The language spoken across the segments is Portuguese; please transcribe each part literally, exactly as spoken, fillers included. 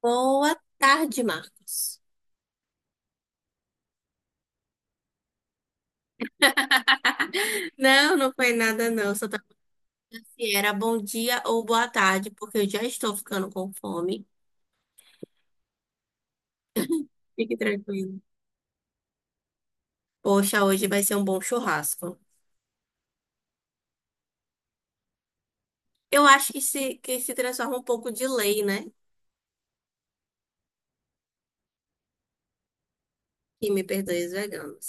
Boa tarde, Marcos. Não, não foi nada, não. Só tava se era bom dia ou boa tarde, porque eu já estou ficando com fome. Fique tranquilo. Poxa, hoje vai ser um bom churrasco. Eu acho que se, que se transforma um pouco de lei, né? Que me perdoe os veganos.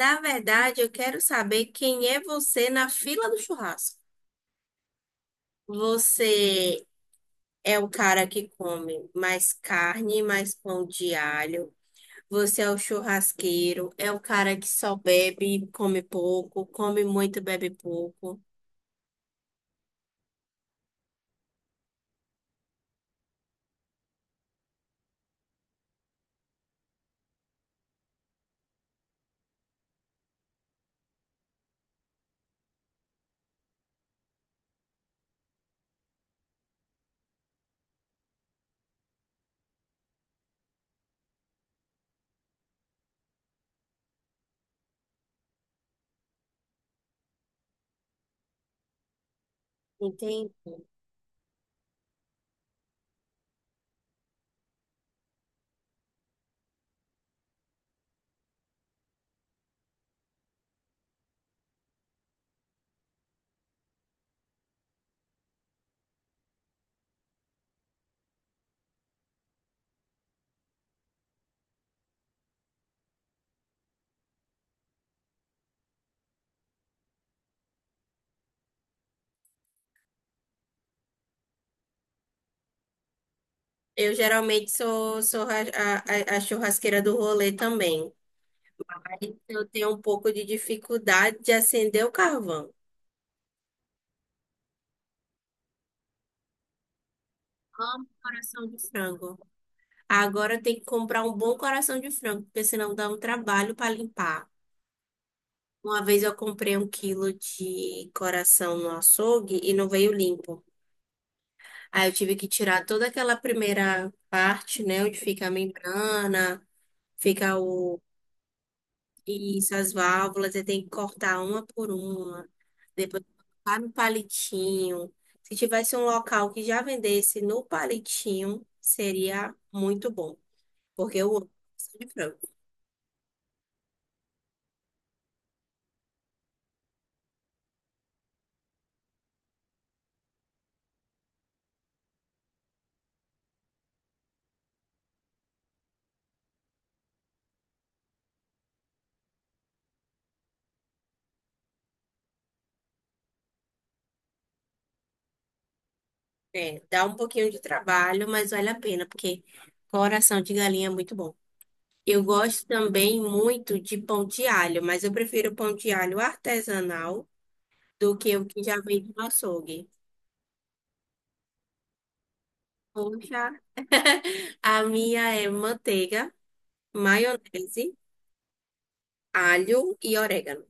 Na verdade, eu quero saber quem é você na fila do churrasco. Você é o cara que come mais carne, mais pão de alho. Você é o churrasqueiro, é o cara que só bebe, come pouco, come muito, bebe pouco, entende? Eu geralmente sou, sou ra- a, a- a churrasqueira do rolê também. Aí eu tenho um pouco de dificuldade de acender o carvão. Amo coração de frango. Agora eu tenho que comprar um bom coração de frango, porque senão dá um trabalho para limpar. Uma vez eu comprei um quilo de coração no açougue e não veio limpo. Aí eu tive que tirar toda aquela primeira parte, né, onde fica a membrana, fica o isso, as válvulas, você tem que cortar uma por uma, depois colocar no palitinho. Se tivesse um local que já vendesse no palitinho, seria muito bom, porque eu amo coração de frango. É, dá um pouquinho de trabalho, mas vale a pena, porque coração de galinha é muito bom. Eu gosto também muito de pão de alho, mas eu prefiro pão de alho artesanal do que o que já vem do açougue. Poxa, a minha é manteiga, maionese, alho e orégano.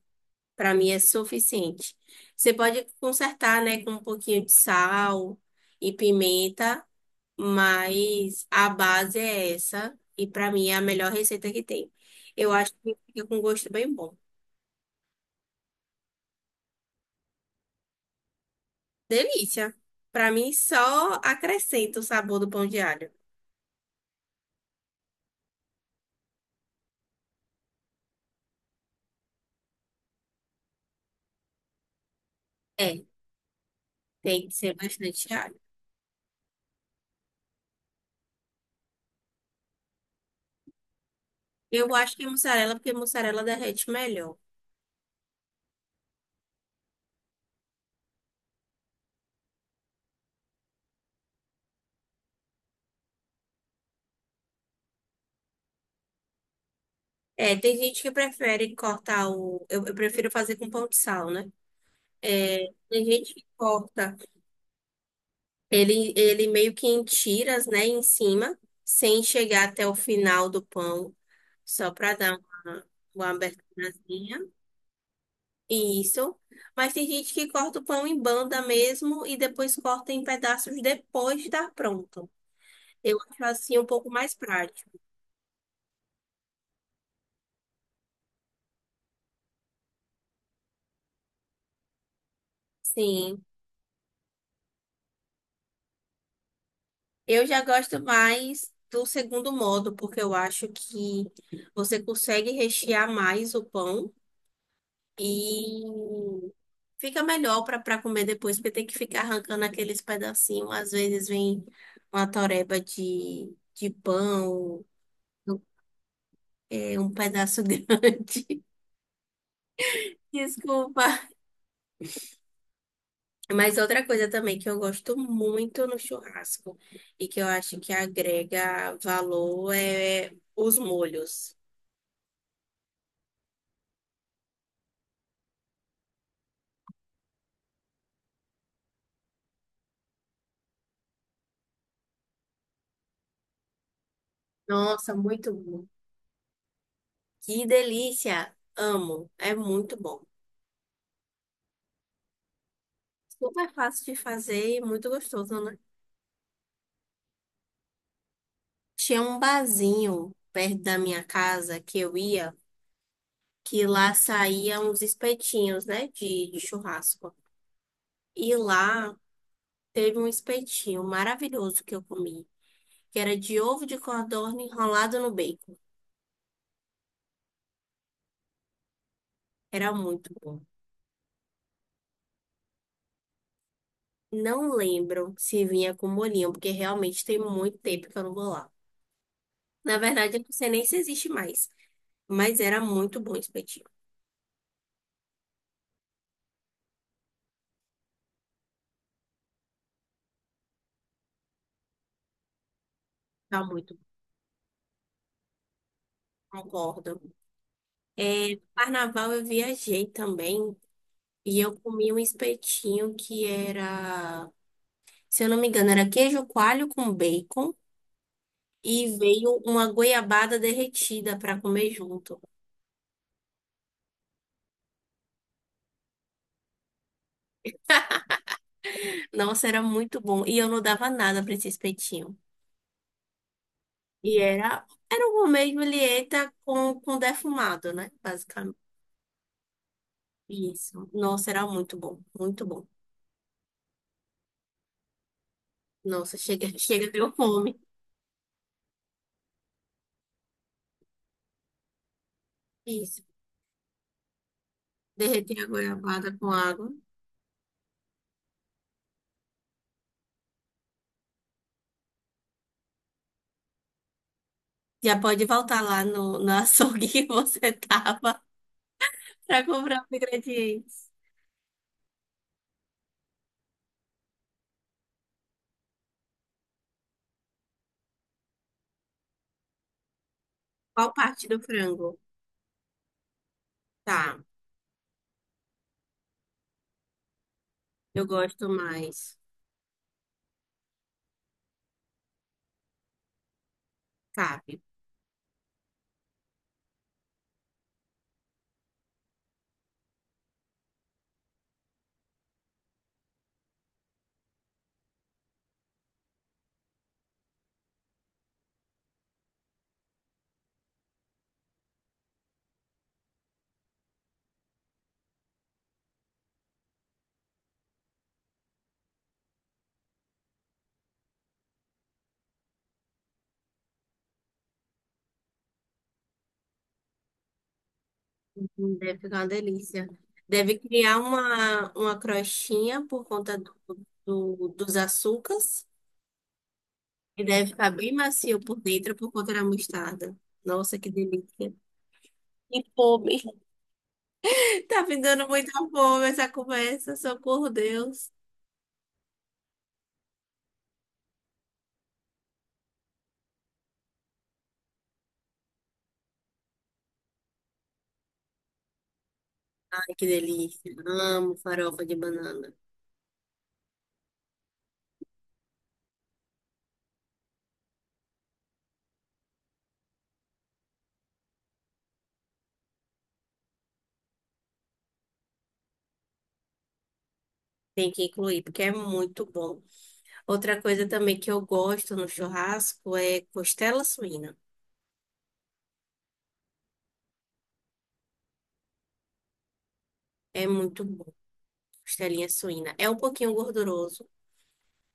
Para mim é suficiente. Você pode consertar, né, com um pouquinho de sal e pimenta, mas a base é essa e para mim é a melhor receita que tem. Eu acho que fica com gosto bem bom. Delícia. Para mim só acrescenta o sabor do pão de alho. É, tem que ser bastante alho. Eu acho que mussarela, porque mussarela derrete melhor. É, tem gente que prefere cortar o. Eu, eu prefiro fazer com pão de sal, né? É, tem gente que corta ele, ele meio que em tiras, né, em cima, sem chegar até o final do pão, só para dar uma, uma aberturazinha. Isso. Mas tem gente que corta o pão em banda mesmo e depois corta em pedaços depois de estar pronto. Eu acho assim um pouco mais prático. Sim. Eu já gosto mais do segundo modo, porque eu acho que você consegue rechear mais o pão e fica melhor para para comer depois, porque tem que ficar arrancando aqueles pedacinhos. Às vezes vem uma toreba de, de pão, é, um pedaço grande. Desculpa. Mas outra coisa também que eu gosto muito no churrasco e que eu acho que agrega valor é os molhos. Nossa, muito bom. Que delícia! Amo. É muito bom. Super fácil de fazer e muito gostoso, né? Tinha um barzinho perto da minha casa que eu ia, que lá saíam uns espetinhos, né? De, de churrasco. E lá teve um espetinho maravilhoso que eu comi, que era de ovo de codorna enrolado no bacon. Era muito bom. Não lembro se vinha com molhinho, porque realmente tem muito tempo que eu não vou lá. Na verdade, eu não sei nem se existe mais, mas era muito bom o espetinho. Tá muito, concordo. É, carnaval eu viajei também e eu comi um espetinho que era, se eu não me engano, era queijo coalho com bacon e veio uma goiabada derretida para comer junto. Nossa, era muito bom e eu não dava nada para esse espetinho. E era, era um Romeu e Julieta com, com defumado, né? Basicamente. Isso. Nossa, era muito bom, muito bom. Nossa, chega, chega, deu fome. Isso. Derreter a goiabada com água. Já pode voltar lá no, no açougue que você tava pra comprar os ingredientes. Qual parte do frango? Tá, eu gosto mais. Cabe. Hum, Deve ficar uma delícia. Deve criar uma, uma crostinha por conta do, do- dos açúcares. E deve ficar bem macio por dentro por conta da mostarda. Nossa, que delícia. E fome. Tá me dando muita fome essa conversa, socorro, Deus. Ai, que delícia. Amo farofa de banana. Tem que incluir, porque é muito bom. Outra coisa também que eu gosto no churrasco é costela suína. É muito bom, costelinha suína. É um pouquinho gorduroso,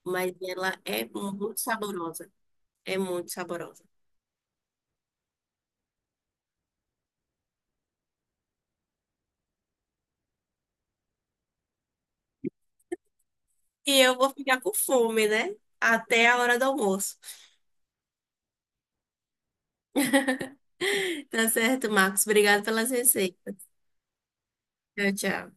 mas ela é muito saborosa. É muito saborosa. E eu vou ficar com fome, né? Até a hora do almoço. Tá certo, Marcos. Obrigado pelas receitas. Tchau, tchau.